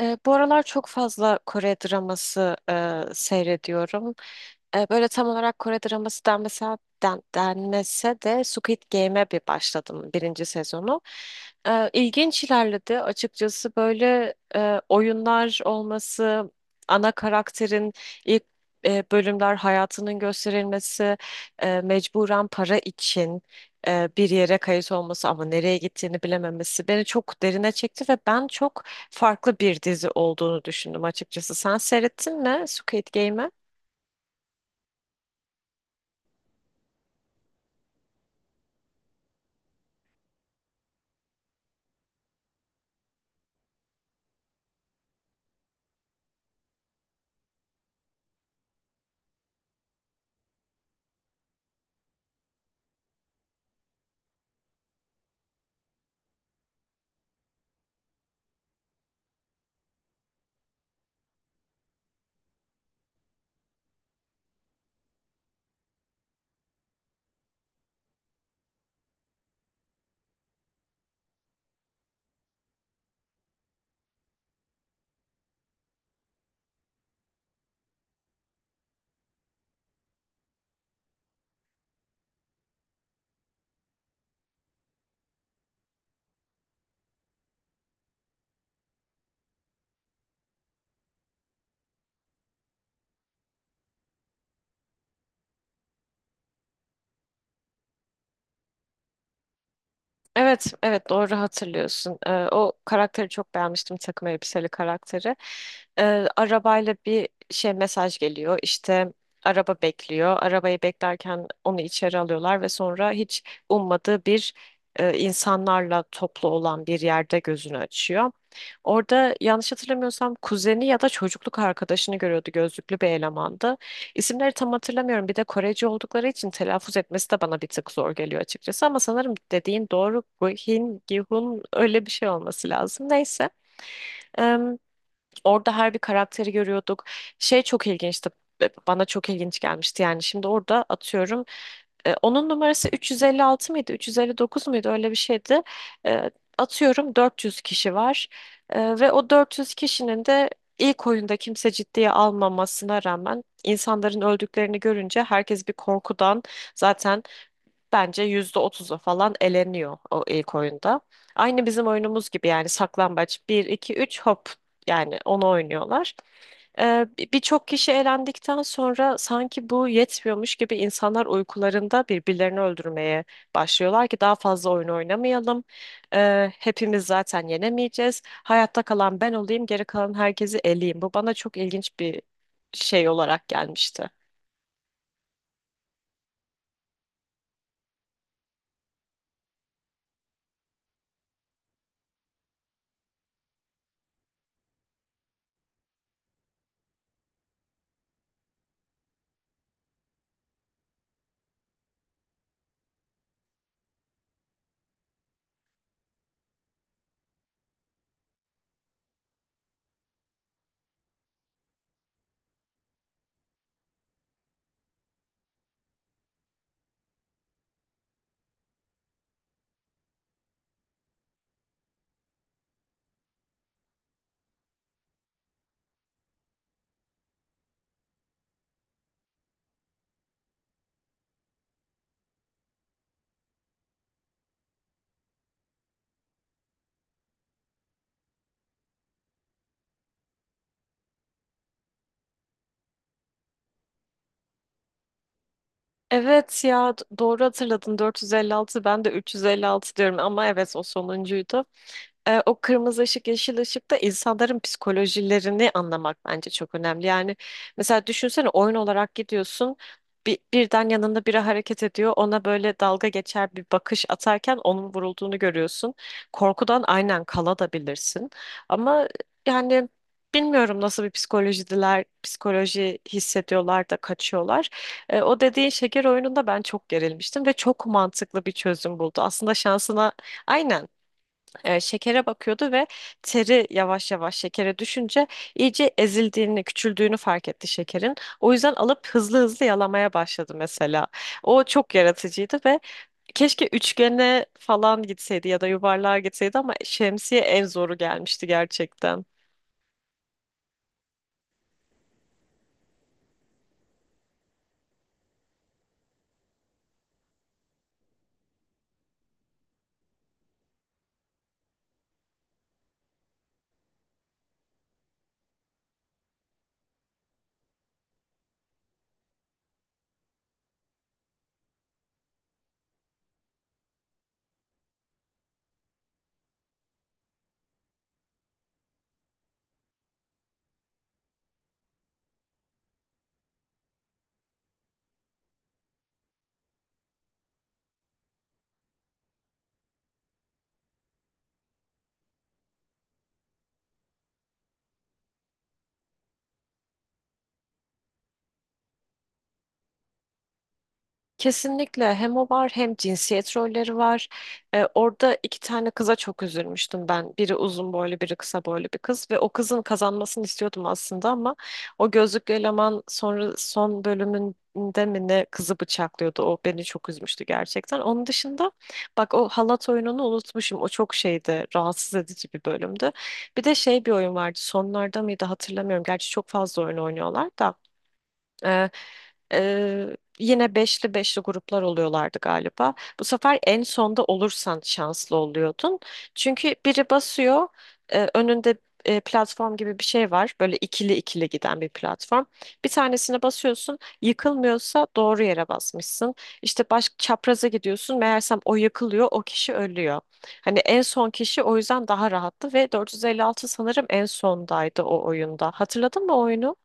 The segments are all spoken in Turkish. Bu aralar çok fazla Kore draması seyrediyorum. Böyle tam olarak Kore draması denmese de Squid Game'e bir başladım birinci sezonu. İlginç ilerledi. Açıkçası böyle oyunlar olması, ana karakterin ilk bölümler hayatının gösterilmesi, mecburen para için bir yere kayıt olması ama nereye gittiğini bilememesi beni çok derine çekti ve ben çok farklı bir dizi olduğunu düşündüm açıkçası. Sen seyrettin mi Squid Game'i? Evet, evet doğru hatırlıyorsun. O karakteri çok beğenmiştim, takım elbiseli karakteri. Arabayla bir şey mesaj geliyor. İşte araba bekliyor. Arabayı beklerken onu içeri alıyorlar ve sonra hiç ummadığı bir insanlarla toplu olan bir yerde gözünü açıyor. Orada yanlış hatırlamıyorsam kuzeni ya da çocukluk arkadaşını görüyordu, gözlüklü bir elemandı. İsimleri tam hatırlamıyorum. Bir de Koreci oldukları için telaffuz etmesi de bana bir tık zor geliyor açıkçası. Ama sanırım dediğin doğru. Guhin, Gihun öyle bir şey olması lazım. Neyse. Em, Orada her bir karakteri görüyorduk. Şey çok ilginçti. Bana çok ilginç gelmişti yani. Şimdi orada atıyorum. Onun numarası 356 mıydı? 359 muydu? Öyle bir şeydi. E, Atıyorum 400 kişi var. Ve o 400 kişinin de ilk oyunda kimse ciddiye almamasına rağmen insanların öldüklerini görünce herkes bir korkudan zaten bence %30'a falan eleniyor o ilk oyunda. Aynı bizim oyunumuz gibi yani, saklambaç, bir 2 3 hop, yani onu oynuyorlar. Birçok kişi elendikten sonra sanki bu yetmiyormuş gibi insanlar uykularında birbirlerini öldürmeye başlıyorlar ki daha fazla oyun oynamayalım. Hepimiz zaten yenemeyeceğiz. Hayatta kalan ben olayım, geri kalan herkesi eleyeyim. Bu bana çok ilginç bir şey olarak gelmişti. Evet ya doğru hatırladın, 456, ben de 356 diyorum ama evet o sonuncuydu. O kırmızı ışık, yeşil ışık da insanların psikolojilerini anlamak bence çok önemli. Yani mesela düşünsene, oyun olarak gidiyorsun. Birden yanında biri hareket ediyor. Ona böyle dalga geçer bir bakış atarken onun vurulduğunu görüyorsun. Korkudan aynen kala da bilirsin. Ama yani bilmiyorum, nasıl bir psikolojidiler, psikoloji hissediyorlar da kaçıyorlar. O dediğin şeker oyununda ben çok gerilmiştim ve çok mantıklı bir çözüm buldu. Aslında şansına, aynen, şekere bakıyordu ve teri yavaş yavaş şekere düşünce iyice ezildiğini, küçüldüğünü fark etti şekerin. O yüzden alıp hızlı hızlı yalamaya başladı mesela. O çok yaratıcıydı ve keşke üçgene falan gitseydi ya da yuvarlığa gitseydi ama şemsiye en zoru gelmişti gerçekten. Kesinlikle hem o var hem cinsiyet rolleri var. Orada iki tane kıza çok üzülmüştüm ben. Biri uzun boylu, biri kısa boylu bir kız ve o kızın kazanmasını istiyordum aslında ama o gözlüklü eleman sonra son bölümünde mi ne kızı bıçaklıyordu. O beni çok üzmüştü gerçekten. Onun dışında, bak, o halat oyununu unutmuşum. O çok şeydi, rahatsız edici bir bölümdü. Bir de şey bir oyun vardı. Sonlarda mıydı hatırlamıyorum. Gerçi çok fazla oyun oynuyorlar da. Ee, Yine beşli beşli gruplar oluyorlardı galiba. Bu sefer en sonda olursan şanslı oluyordun. Çünkü biri basıyor, önünde platform gibi bir şey var. Böyle ikili ikili giden bir platform. Bir tanesine basıyorsun, yıkılmıyorsa doğru yere basmışsın. İşte baş çapraza gidiyorsun, meğersem o yıkılıyor, o kişi ölüyor. Hani en son kişi o yüzden daha rahattı ve 456 sanırım en sondaydı o oyunda. Hatırladın mı o oyunu?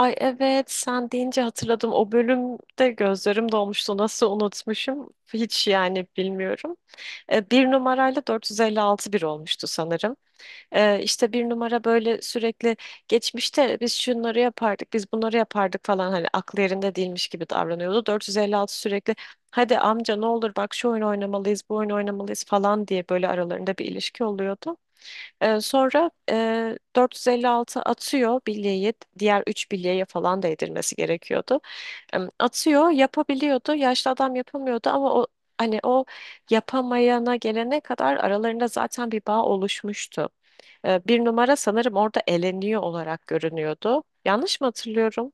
Ay evet, sen deyince hatırladım. O bölümde gözlerim dolmuştu. Nasıl unutmuşum? Hiç yani bilmiyorum. Bir numarayla 456 bir olmuştu sanırım. İşte bir numara böyle sürekli geçmişte biz şunları yapardık, biz bunları yapardık falan, hani aklı yerinde değilmiş gibi davranıyordu. 456 sürekli hadi amca ne olur bak şu oyun oynamalıyız, bu oyun oynamalıyız falan diye, böyle aralarında bir ilişki oluyordu. Sonra 456 atıyor bilyeyi, diğer 3 bilyeye falan değdirmesi gerekiyordu. Atıyor, yapabiliyordu, yaşlı adam yapamıyordu ama o, hani, o yapamayana gelene kadar aralarında zaten bir bağ oluşmuştu. Bir numara sanırım orada eleniyor olarak görünüyordu. Yanlış mı hatırlıyorum?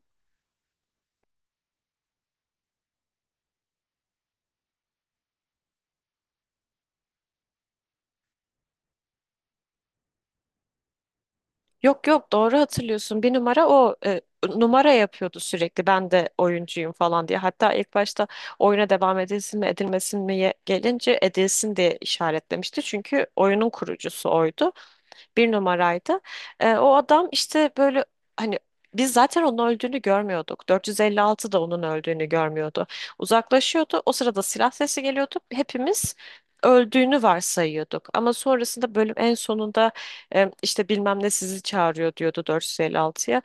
Yok yok, doğru hatırlıyorsun. Bir numara o numara yapıyordu sürekli. Ben de oyuncuyum falan diye. Hatta ilk başta oyuna devam edilsin mi edilmesin mi gelince, edilsin diye işaretlemişti. Çünkü oyunun kurucusu oydu, bir numaraydı. O adam işte böyle, hani, biz zaten onun öldüğünü görmüyorduk. 456 da onun öldüğünü görmüyordu. Uzaklaşıyordu. O sırada silah sesi geliyordu. Hepimiz öldüğünü varsayıyorduk. Ama sonrasında bölüm en sonunda işte bilmem ne sizi çağırıyor diyordu 456'ya.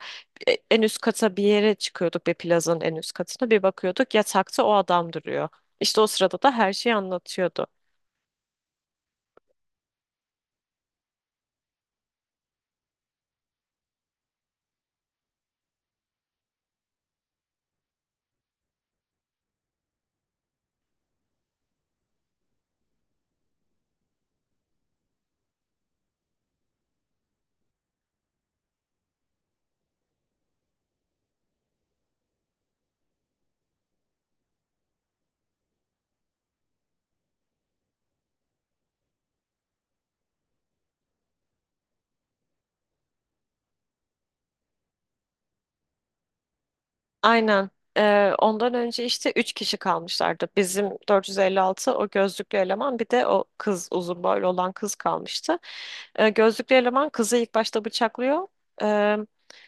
En üst kata bir yere çıkıyorduk, bir plazanın en üst katına bir bakıyorduk, yatakta o adam duruyor. İşte o sırada da her şeyi anlatıyordu. Aynen. Ondan önce işte 3 kişi kalmışlardı. Bizim 456, o gözlüklü eleman, bir de o kız, uzun boylu olan kız kalmıştı. Gözlüklü eleman kızı ilk başta bıçaklıyor. Ee,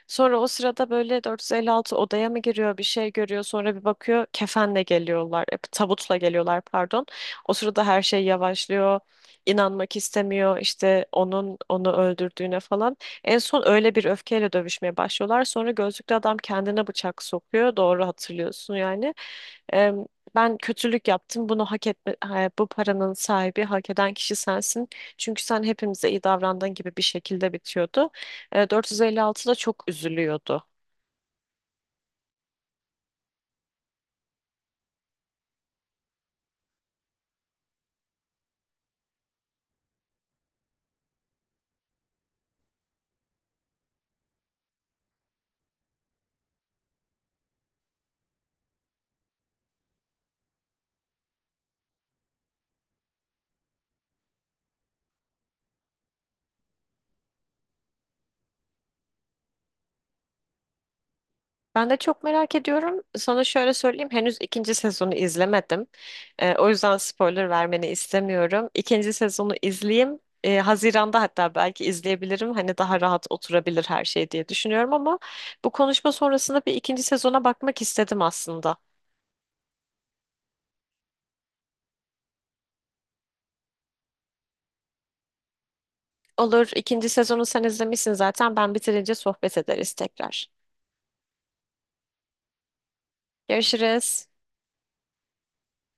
Sonra o sırada böyle 456 odaya mı giriyor bir şey görüyor, sonra bir bakıyor kefenle geliyorlar. Tabutla geliyorlar pardon. O sırada her şey yavaşlıyor. İnanmak istemiyor işte onun onu öldürdüğüne falan. En son öyle bir öfkeyle dövüşmeye başlıyorlar. Sonra gözlüklü adam kendine bıçak sokuyor. Doğru hatırlıyorsun yani. Ee, Ben kötülük yaptım. Bunu hak etme, ha, bu paranın sahibi, hak eden kişi sensin. Çünkü sen hepimize iyi davrandığın, gibi bir şekilde bitiyordu. 456 da çok üzülüyordu. Ben de çok merak ediyorum. Sana şöyle söyleyeyim, henüz ikinci sezonu izlemedim. O yüzden spoiler vermeni istemiyorum. İkinci sezonu izleyeyim. Haziran'da hatta belki izleyebilirim. Hani daha rahat oturabilir her şey diye düşünüyorum ama bu konuşma sonrasında bir ikinci sezona bakmak istedim aslında. Olur, ikinci sezonu sen izlemişsin zaten. Ben bitirince sohbet ederiz tekrar. Görüşürüz.